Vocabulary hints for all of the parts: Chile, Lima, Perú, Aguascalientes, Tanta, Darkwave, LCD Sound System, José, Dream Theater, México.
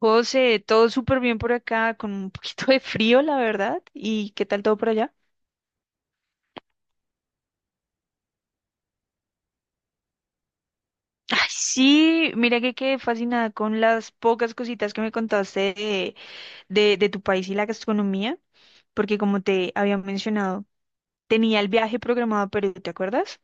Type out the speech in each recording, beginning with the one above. José, todo súper bien por acá, con un poquito de frío, la verdad. ¿Y qué tal todo por allá? Ay, sí, mira que quedé fascinada con las pocas cositas que me contaste de tu país y la gastronomía, porque como te había mencionado, tenía el viaje programado a Perú, ¿te acuerdas?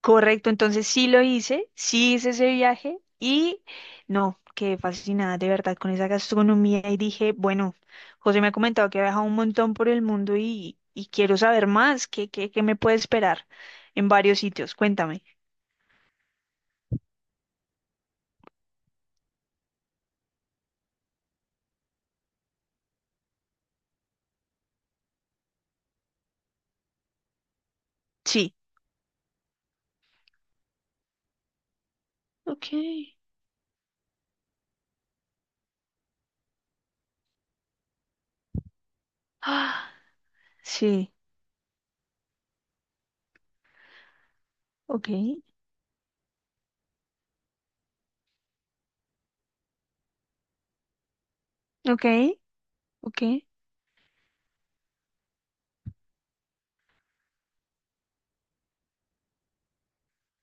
Correcto, entonces sí lo hice, sí hice ese viaje y no, quedé fascinada de verdad con esa gastronomía y dije, bueno, José me ha comentado que ha viajado un montón por el mundo y quiero saber más, ¿qué me puede esperar en varios sitios? Cuéntame. Sí. Ok. Ah, sí. Ok. Ok. Ok.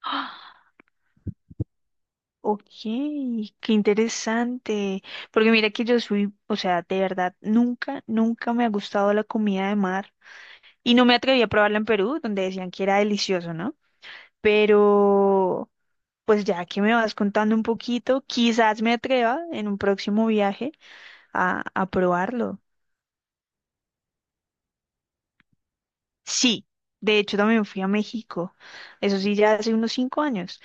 Ah, ok, qué interesante. Porque mira que yo soy, o sea, de verdad, nunca, nunca me ha gustado la comida de mar. Y no me atreví a probarla en Perú, donde decían que era delicioso, ¿no? Pero, pues ya que me vas contando un poquito, quizás me atreva en un próximo viaje a probarlo. Sí, de hecho también fui a México, eso sí, ya hace unos 5 años,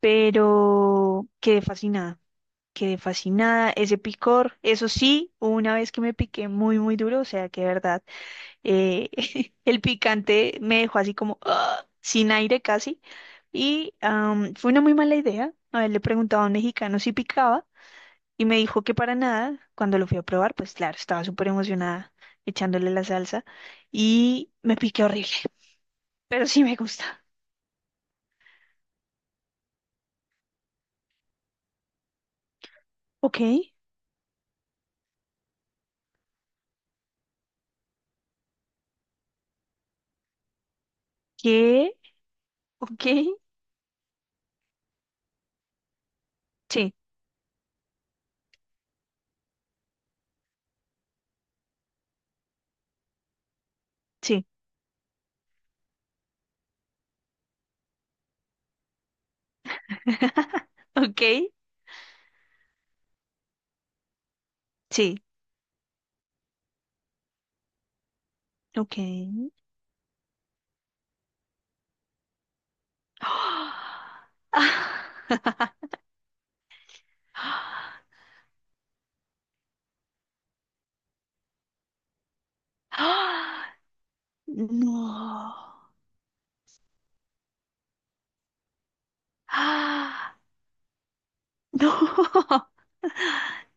pero quedé fascinada, ese picor, eso sí, hubo una vez que me piqué muy, muy duro, o sea que de verdad, eh, el picante me dejó así como ¡ah! Sin aire casi. Y fue una muy mala idea. A él le preguntaba a un mexicano si picaba y me dijo que para nada. Cuando lo fui a probar, pues claro, estaba súper emocionada echándole la salsa y me piqué horrible, pero sí me gusta. Ok, ¿qué? Ok, sí, sí. Ok, sí, ok. Ah. No. Ah, no.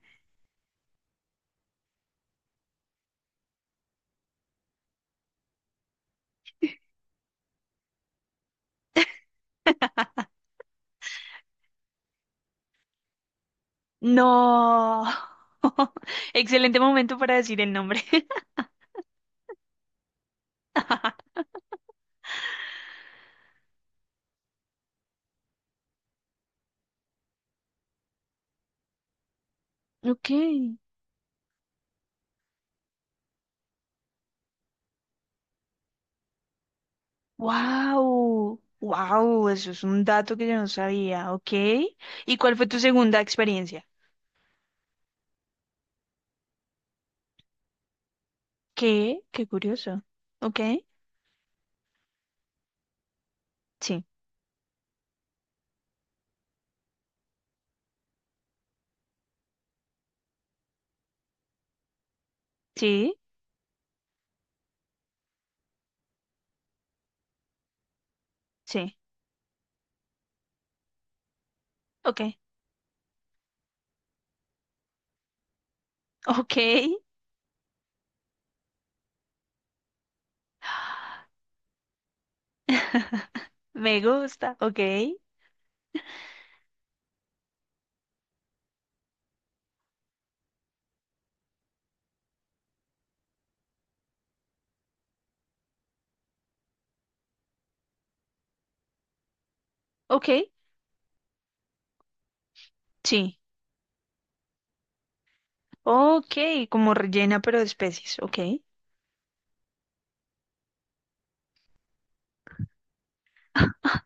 No. Excelente momento para decir el nombre. Ok. Wow. Wow, eso es un dato que yo no sabía, ¿ok? ¿Y cuál fue tu segunda experiencia? ¿Qué? Qué curioso. ¿Ok? Sí, sí, sí. Ok, ok. Me gusta, ¿ok? ¿Ok? Sí. Ok, como rellena pero de especies, ¿ok?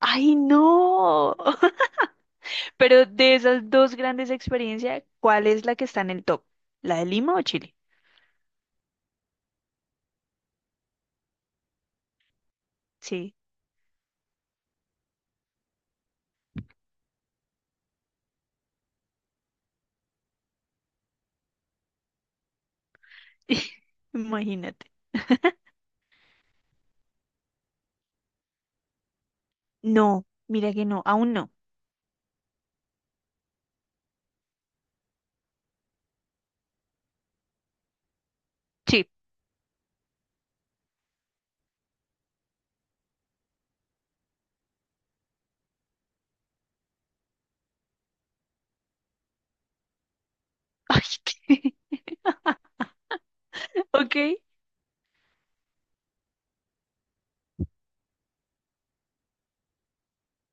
¡Ay, no! Pero de esas dos grandes experiencias, ¿cuál es la que está en el top? ¿La de Lima o Chile? Sí, imagínate. No, mira que no, aún no. Sí. Ay, ¿qué? Ok.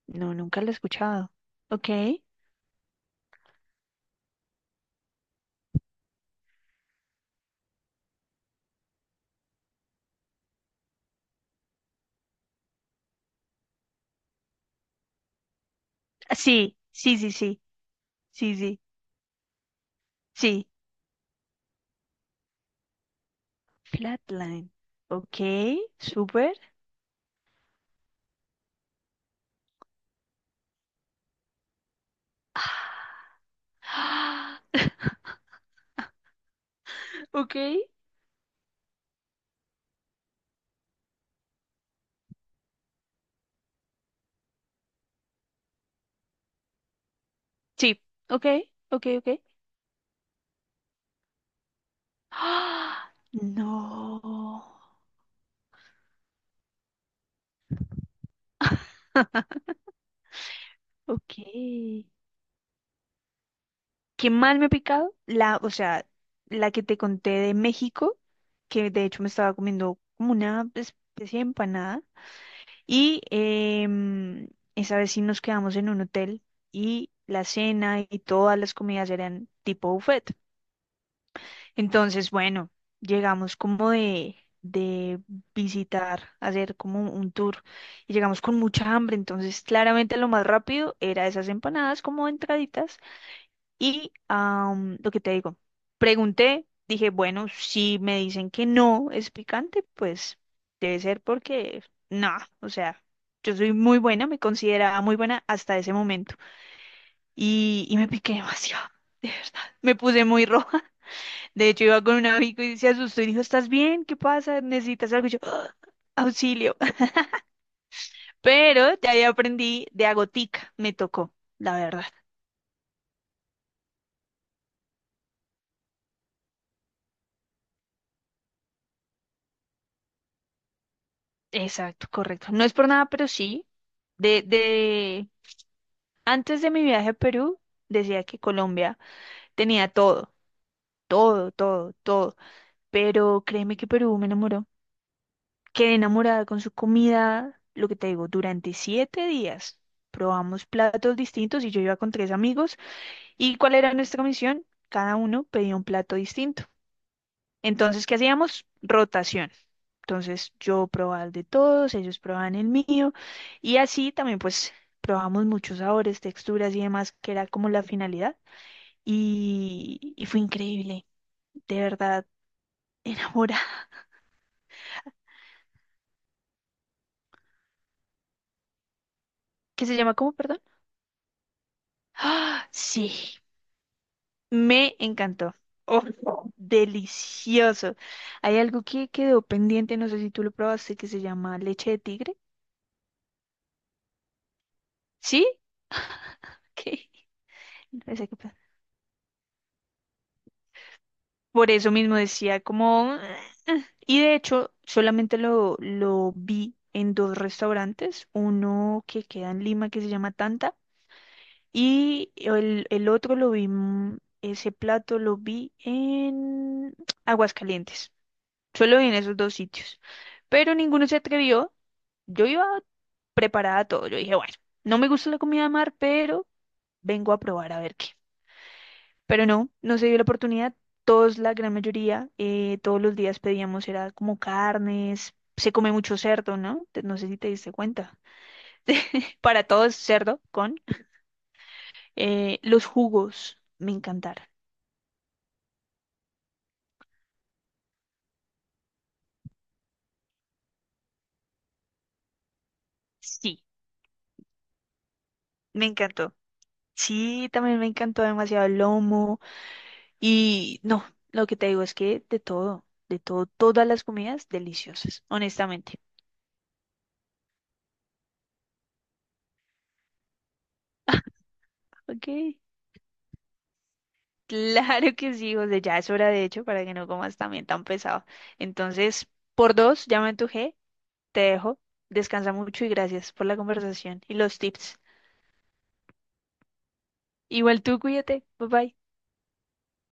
No, nunca lo he escuchado. Ok. Ah, sí, sí, sí, sí, sí, sí, sí. Flatline. Ok, súper. Ah. Ok. Sí, ok, ok, ok. Ah, no. Ok. Que más me ha picado, la, o sea, la que te conté de México, que de hecho me estaba comiendo como una especie de empanada. Y esa vez sí nos quedamos en un hotel y la cena y todas las comidas eran tipo buffet. Entonces, bueno, llegamos como de visitar, hacer como un tour y llegamos con mucha hambre. Entonces, claramente lo más rápido era esas empanadas como entraditas y lo que te digo, pregunté, dije, bueno, si me dicen que no es picante, pues debe ser porque no, o sea, yo soy muy buena, me consideraba muy buena hasta ese momento. Y me piqué demasiado, de verdad. Me puse muy roja. De hecho, iba con un amigo y se asustó y dijo, ¿estás bien? ¿Qué pasa? ¿Necesitas algo? Y yo, "¡Ah, auxilio!" Pero ya ahí aprendí de agotica, me tocó, la verdad. Exacto, correcto. No es por nada, pero sí. De, de, Antes de mi viaje a Perú, decía que Colombia tenía todo, todo, todo, todo. Pero créeme que Perú me enamoró. Quedé enamorada con su comida, lo que te digo, durante 7 días. Probamos platos distintos y yo iba con tres amigos. ¿Y cuál era nuestra misión? Cada uno pedía un plato distinto. Entonces, ¿qué hacíamos? Rotación. Entonces, yo probaba el de todos, ellos probaban el mío. Y así también, pues, probamos muchos sabores, texturas y demás, que era como la finalidad. Y fue increíble, de verdad, enamorada. ¿Qué se llama? ¿Cómo, perdón? ¡Ah! Sí, me encantó. Oh, delicioso. Hay algo que quedó pendiente, no sé si tú lo probaste, que se llama leche de tigre. ¿Sí? Ok. Ese que pa- Por eso mismo decía como "ah". Y de hecho, solamente lo vi en dos restaurantes, uno que queda en Lima que se llama Tanta. Y el otro lo vi, ese plato lo vi en Aguascalientes. Solo vi en esos dos sitios. Pero ninguno se atrevió. Yo iba preparada a todo. Yo dije, bueno, no me gusta la comida de mar, pero vengo a probar a ver qué. Pero no, no se dio la oportunidad. Todos, la gran mayoría, todos los días pedíamos, era como carnes. Se come mucho cerdo, ¿no? No sé si te diste cuenta. Para todos, cerdo con los jugos. Me encantaron. Sí, me encantó. Sí, también me encantó demasiado el lomo. Y no, lo que te digo es que de todo, todas las comidas deliciosas, honestamente. Ok, claro que sí, José, ya es hora de hecho para que no comas también tan pesado. Entonces, por dos, ya me antojé, te dejo. Descansa mucho y gracias por la conversación y los tips. Igual tú, cuídate. Bye bye.